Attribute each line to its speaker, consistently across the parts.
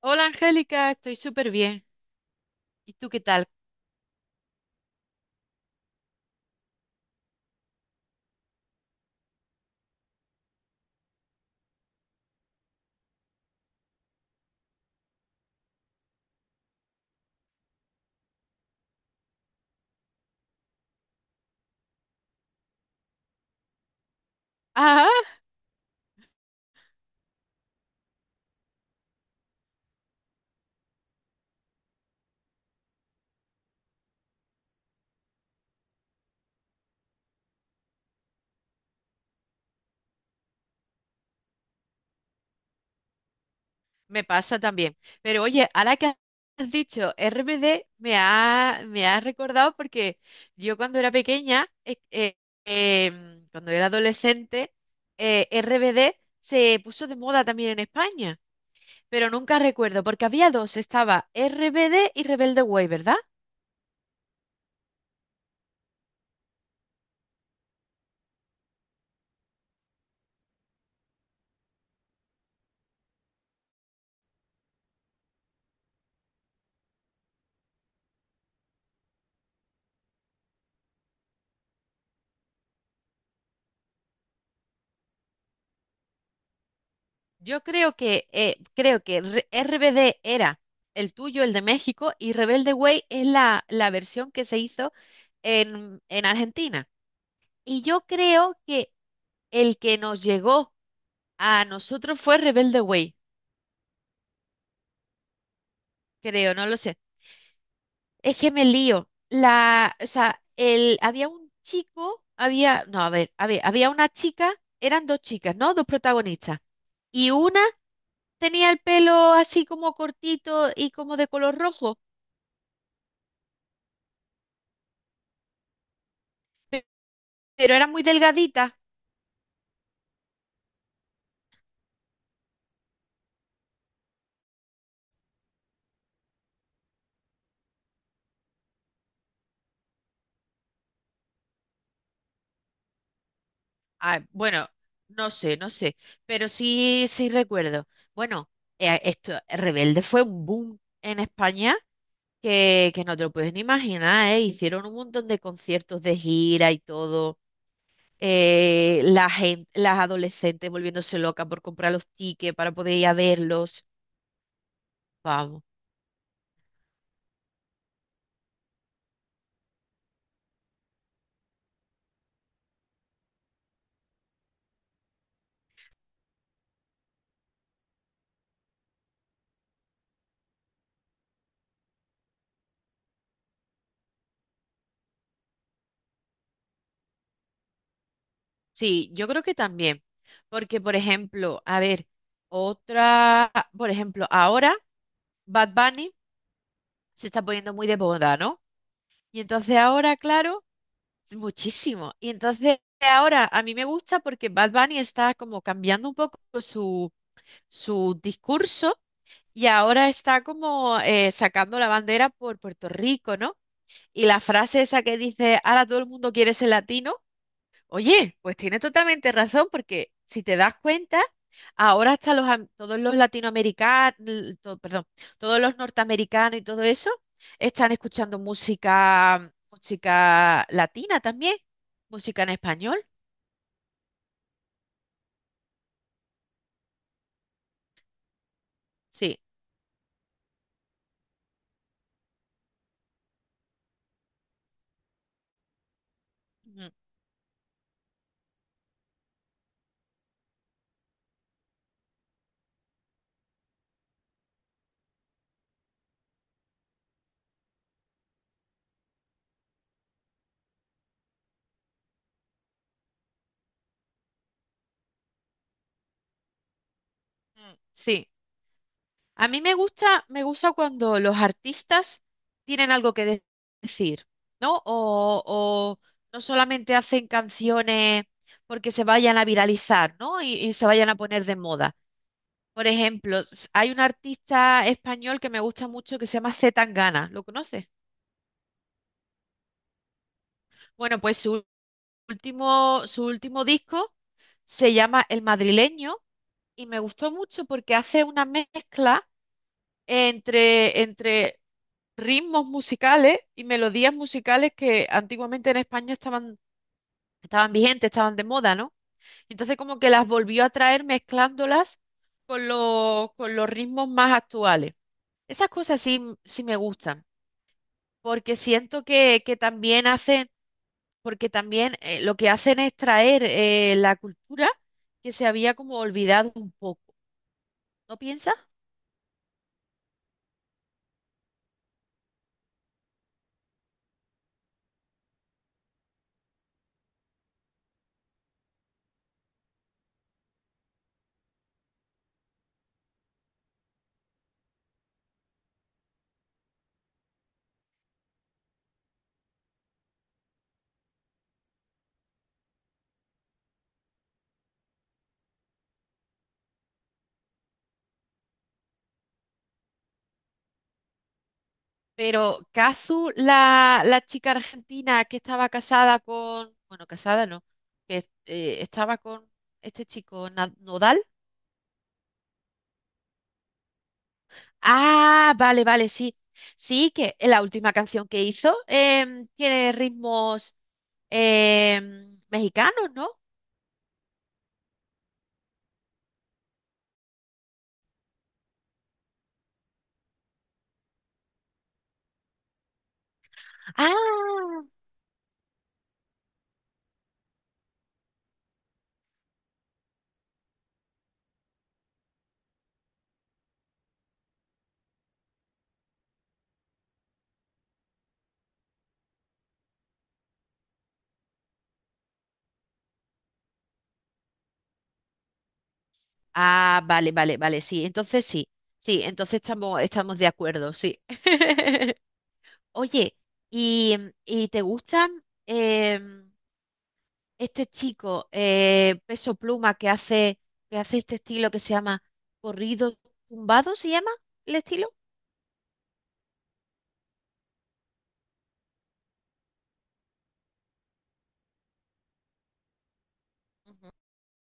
Speaker 1: Hola Angélica, estoy súper bien. ¿Y tú qué tal? Ah, me pasa también. Pero oye, ahora que has dicho RBD, me ha recordado porque yo cuando era pequeña, cuando era adolescente, RBD se puso de moda también en España. Pero nunca recuerdo, porque había dos, estaba RBD y Rebelde Way, ¿verdad? Yo creo que RBD era el tuyo, el de México, y Rebelde Way es la versión que se hizo en Argentina. Y yo creo que el que nos llegó a nosotros fue Rebelde Way, creo, no lo sé. Es que me lío. La, o sea, el, había un chico, había, no, a ver, había una chica, eran dos chicas, ¿no? Dos protagonistas. Y una tenía el pelo así como cortito y como de color rojo. Pero era muy delgadita. Ah, bueno, no sé, no sé. Pero sí, sí recuerdo. Bueno, Rebelde fue un boom en España que no te lo puedes ni imaginar, ¿eh? Hicieron un montón de conciertos de gira y todo. La gente, las adolescentes volviéndose locas por comprar los tickets para poder ir a verlos. Vamos. Sí, yo creo que también. Porque, por ejemplo, a ver, otra, por ejemplo, ahora Bad Bunny se está poniendo muy de moda, ¿no? Y entonces ahora, claro, muchísimo. Y entonces ahora a mí me gusta porque Bad Bunny está como cambiando un poco su discurso y ahora está como sacando la bandera por Puerto Rico, ¿no? Y la frase esa que dice, ahora todo el mundo quiere ser latino. Oye, pues tienes totalmente razón, porque si te das cuenta, ahora hasta todos los latinoamericanos, perdón, todos los norteamericanos y todo eso están escuchando música, música latina también, música en español. Sí, ujú, mm, sí. A mí me gusta cuando los artistas tienen algo decir, ¿no? O no solamente hacen canciones porque se vayan a viralizar, ¿no? Y se vayan a poner de moda. Por ejemplo, hay un artista español que me gusta mucho que se llama C. Tangana, ¿lo conoces? Bueno, pues su último disco se llama El Madrileño y me gustó mucho porque hace una mezcla entre ritmos musicales y melodías musicales que antiguamente en España estaban vigentes, estaban de moda, ¿no? Entonces como que las volvió a traer mezclándolas con con los ritmos más actuales. Esas cosas sí, sí me gustan, porque siento que también hacen, porque también lo que hacen es traer la cultura que se había como olvidado un poco. ¿No piensas? Pero Kazu, la chica argentina que estaba casada con, bueno, casada no, que estaba con este chico Nodal. Ah, vale, vale, sí. Sí, que la última canción que hizo tiene ritmos mexicanos, ¿no? Ah, ah, vale, vale, vale, sí. Entonces sí, sí, entonces estamos, estamos de acuerdo, sí. Oye, ¿y, y te gustan? Este chico, Peso Pluma, que hace este estilo que se llama corrido tumbado, ¿se llama el estilo?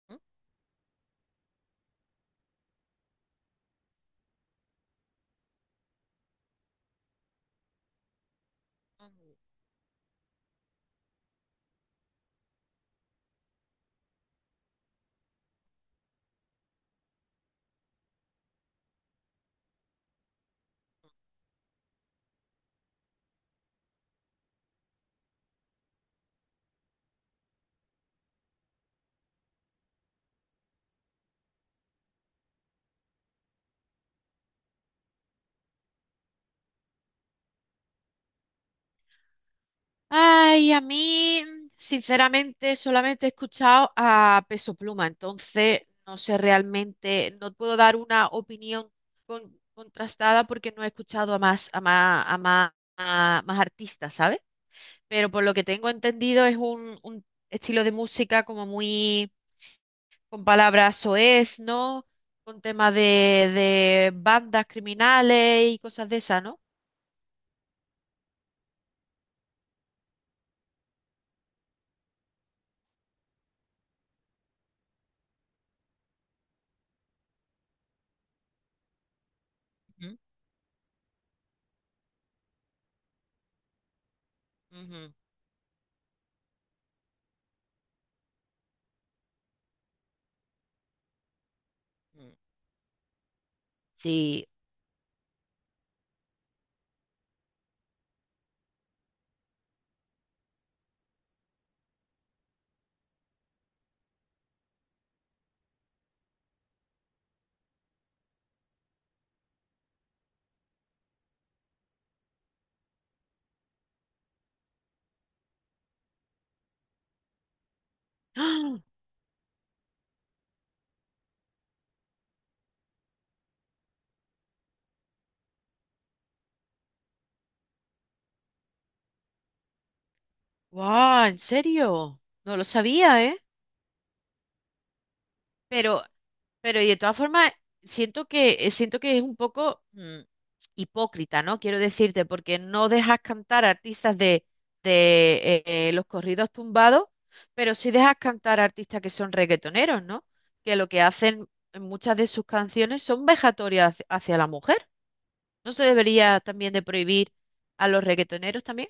Speaker 1: ¿Mm? Ujú. Ay, a mí, sinceramente, solamente he escuchado a Peso Pluma, entonces no sé realmente, no puedo dar una opinión contrastada porque no he escuchado a más artistas, ¿sabes? Pero por lo que tengo entendido es un estilo de música como muy con palabras soez, ¿no? Con temas de bandas criminales y cosas de esas, ¿no? Ujú, ujú, ujú. Sí. ¡Ah! ¡Guau! ¿En serio? No lo sabía, ¿eh? Pero, pero y de todas formas, siento que es un poco hipócrita, ¿no? Quiero decirte, porque no dejas cantar a artistas de, de eh, los corridos tumbados, pero sí dejas cantar a artistas que son reggaetoneros, ¿no? Que lo que hacen en muchas de sus canciones son vejatorias hacia hacia la mujer. ¿No se debería también de prohibir a los reggaetoneros también?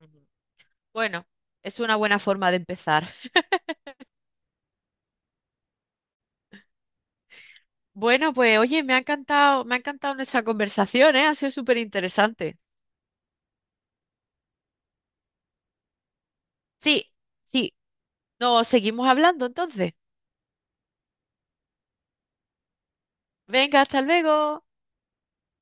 Speaker 1: Ujú. Bueno, es una buena forma de empezar. Bueno, pues oye, me ha encantado nuestra conversación, ¿eh? Ha sido súper interesante. Sí, sí. No, seguimos hablando entonces. Venga, hasta luego.